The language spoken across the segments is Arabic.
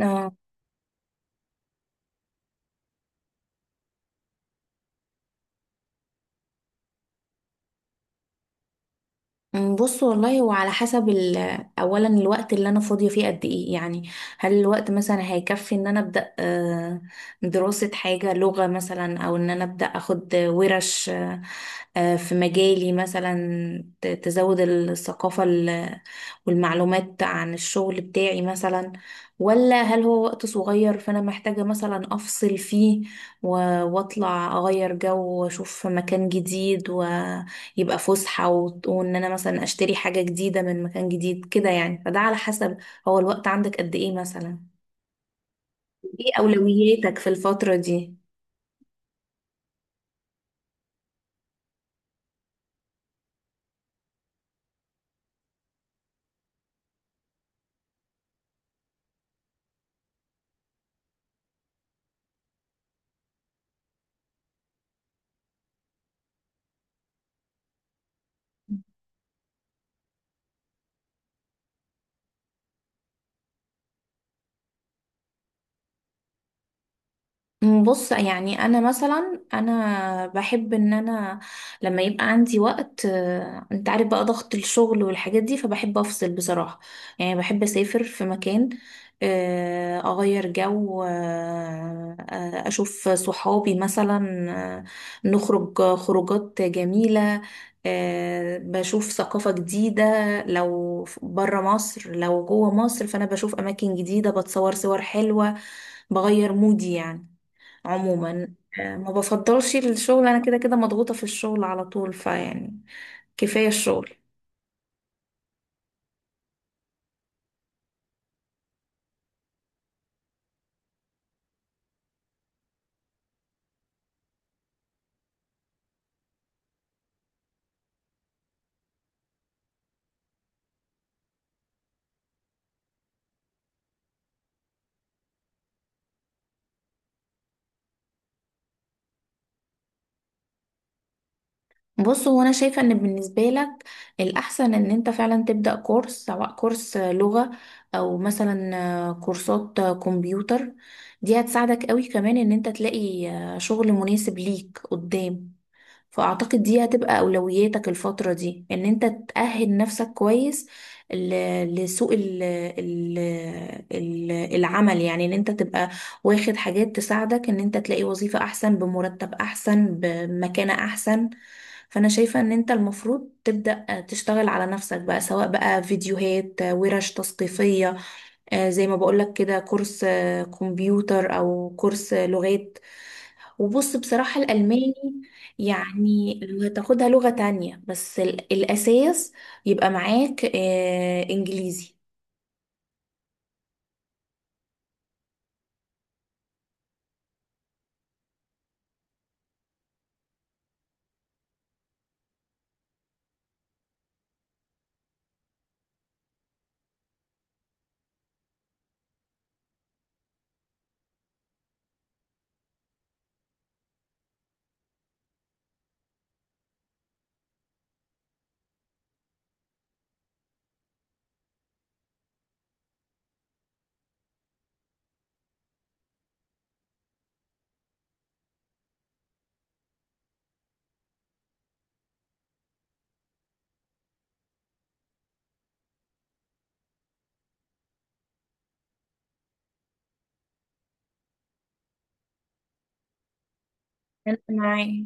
اه أم، بص، والله هو على حسب اولا الوقت اللي انا فاضيه فيه قد ايه يعني. هل الوقت مثلا هيكفي ان انا ابدا دراسه حاجه لغه مثلا، او ان انا ابدا اخد ورش في مجالي مثلا، تزود الثقافه والمعلومات عن الشغل بتاعي مثلا، ولا هل هو وقت صغير فانا محتاجه مثلا افصل فيه واطلع اغير جو واشوف مكان جديد، و يبقى فسحة وان انا مثلا اشتري حاجة جديدة من مكان جديد كده يعني. فده على حسب، هو الوقت عندك قد ايه مثلا؟ ايه اولوياتك في الفترة دي؟ بص، يعني انا مثلا، انا بحب ان انا لما يبقى عندي وقت، انت عارف بقى ضغط الشغل والحاجات دي، فبحب افصل بصراحة. يعني بحب اسافر في مكان، اغير جو، اشوف صحابي مثلا، آه، نخرج خروجات جميلة، بشوف ثقافة جديدة. لو برا مصر لو جوه مصر، فانا بشوف اماكن جديدة، بتصور صور حلوة، بغير مودي يعني عموما. ما بفضلش الشغل، انا كده كده مضغوطة في الشغل على طول، فيعني كفاية الشغل. بص، هو انا شايفة ان بالنسبة لك الاحسن ان انت فعلا تبدأ كورس، سواء كورس لغة، او مثلا كورسات كمبيوتر. دي هتساعدك قوي كمان ان انت تلاقي شغل مناسب ليك قدام. فأعتقد دي هتبقى أولوياتك الفترة دي، إن أنت تأهل نفسك كويس لسوق ال العمل يعني. إن أنت تبقى واخد حاجات تساعدك إن أنت تلاقي وظيفة أحسن، بمرتب أحسن، بمكانة أحسن. فأنا شايفة إن أنت المفروض تبدأ تشتغل على نفسك بقى، سواء بقى فيديوهات، ورش تثقيفية، زي ما بقولك كده، كورس كمبيوتر أو كورس لغات. وبص، بصراحة الألماني يعني لو هتاخدها لغة تانية، بس الأساس يبقى معاك آه إنجليزي. أنا معاك،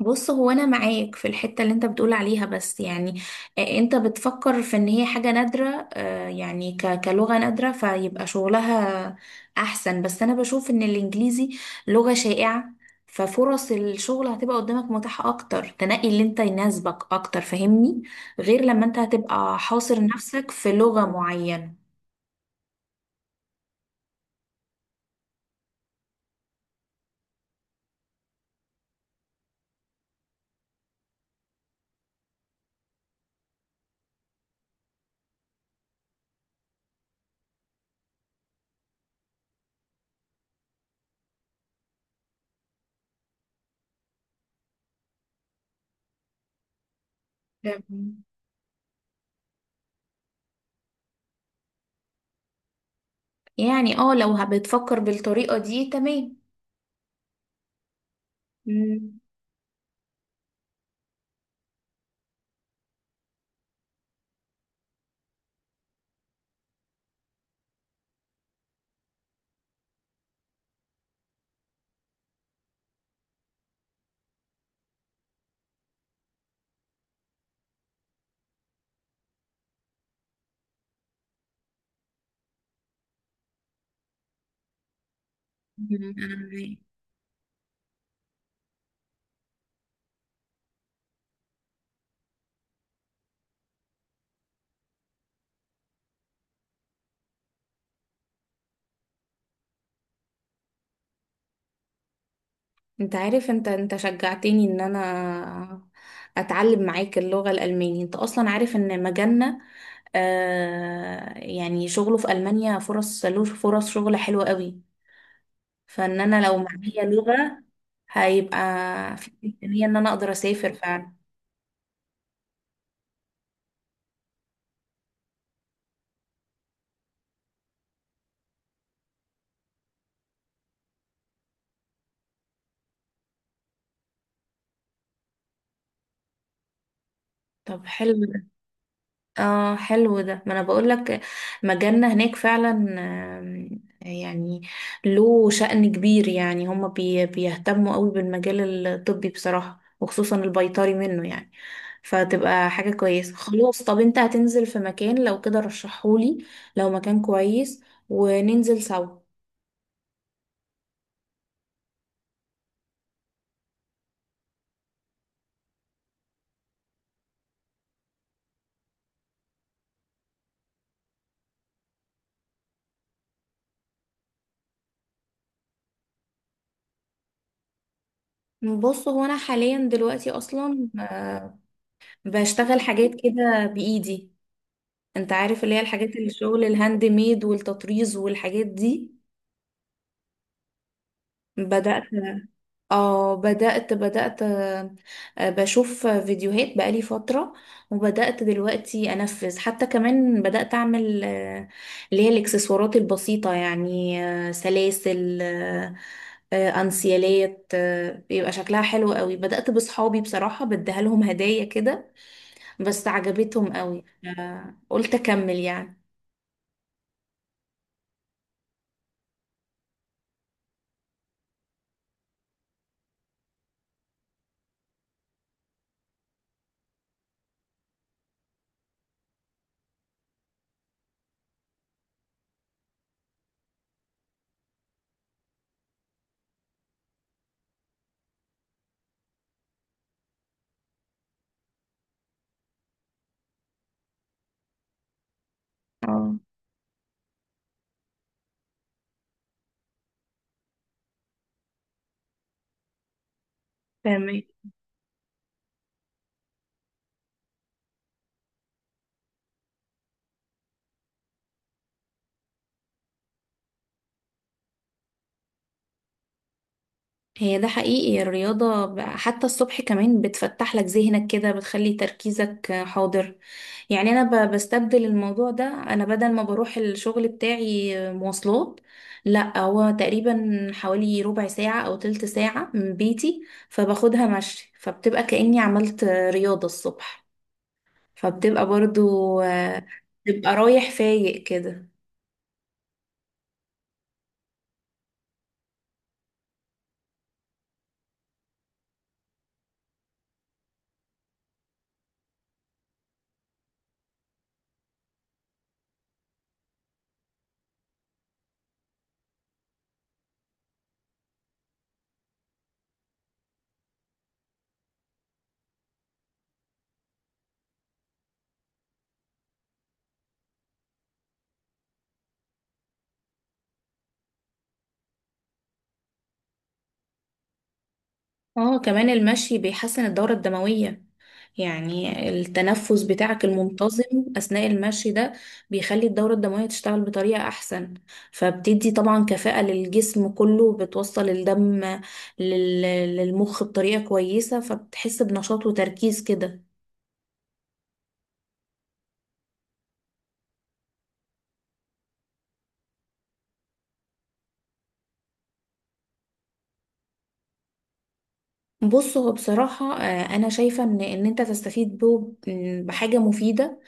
بص هو انا معاك في الحتة اللي انت بتقول عليها، بس يعني انت بتفكر في ان هي حاجة نادرة، يعني كلغة نادرة فيبقى شغلها احسن. بس انا بشوف ان الانجليزي لغة شائعة، ففرص الشغل هتبقى قدامك متاحة اكتر، تنقي اللي انت يناسبك اكتر، فاهمني؟ غير لما انت هتبقى حاصر نفسك في لغة معينة. تمام. يعني اه، لو بتفكر بالطريقة دي تمام. مم. مم، أنا معاك. انت عارف، انت انت شجعتني ان انا اتعلم معاك اللغة الألمانية. انت اصلا عارف ان مجالنا آه يعني شغله في ألمانيا، فرص له فرص شغل حلوة قوي. فان انا لو معايا لغة هيبقى في امكانية ان انا اقدر اسافر فعلا. طب حلو، اه حلو. ده ما انا بقول لك مجالنا هناك فعلا. يعني له شأن كبير، يعني هما بي بيهتموا قوي بالمجال الطبي بصراحة، وخصوصا البيطري منه يعني. فتبقى حاجة كويسة. خلاص، طب انت هتنزل في مكان لو كده رشحهولي، لو مكان كويس، وننزل سوا. بص هو انا حاليا دلوقتي اصلا بشتغل حاجات كده بإيدي. انت عارف اللي هي الحاجات، الشغل الهاند ميد والتطريز والحاجات دي. بدأت، اه بدأت بشوف فيديوهات بقالي فترة، وبدأت دلوقتي أنفذ. حتى كمان بدأت أعمل اللي هي الإكسسوارات البسيطة، يعني سلاسل، أنسيالات، بيبقى شكلها حلو قوي. بدأت بصحابي بصراحة بديها لهم هدايا كده، بس عجبتهم قوي، قلت أكمل يعني. اه تمام، هي ده حقيقي الرياضة، حتى الصبح كمان بتفتح لك ذهنك كده، بتخلي تركيزك حاضر يعني. أنا بستبدل الموضوع ده، أنا بدل ما بروح الشغل بتاعي مواصلات، لا هو تقريبا حوالي ربع ساعة أو تلت ساعة من بيتي، فباخدها مشي، فبتبقى كأني عملت رياضة الصبح. فبتبقى برضو تبقى رايح فايق كده. اه كمان المشي بيحسن الدورة الدموية، يعني التنفس بتاعك المنتظم أثناء المشي ده بيخلي الدورة الدموية تشتغل بطريقة أحسن، فبتدي طبعا كفاءة للجسم كله، بتوصل الدم للمخ بطريقة كويسة، فبتحس بنشاط وتركيز كده. بص هو بصراحة أنا شايفة إن أنت تستفيد به بحاجة مفيدة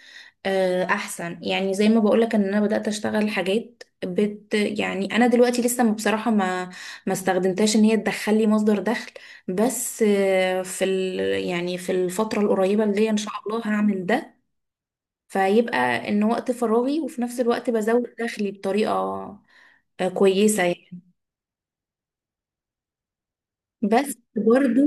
أحسن. يعني زي ما بقولك، إن أنا بدأت أشتغل حاجات بت، يعني أنا دلوقتي لسه بصراحة ما استخدمتهاش إن هي تدخل لي مصدر دخل، بس آه، في ال يعني في الفترة القريبة اللي هي إن شاء الله هعمل ده. فيبقى إن وقت فراغي وفي نفس الوقت بزود دخلي بطريقة كويسة يعني. بس برضو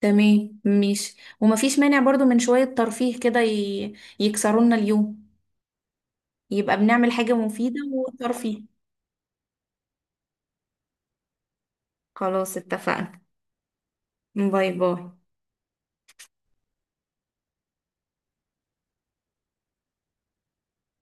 تمام ماشي، ومفيش مانع برضو من شوية ترفيه كده، يكسرونا اليوم. يبقى بنعمل حاجة مفيدة وترفيه. خلاص اتفقنا. باي باي.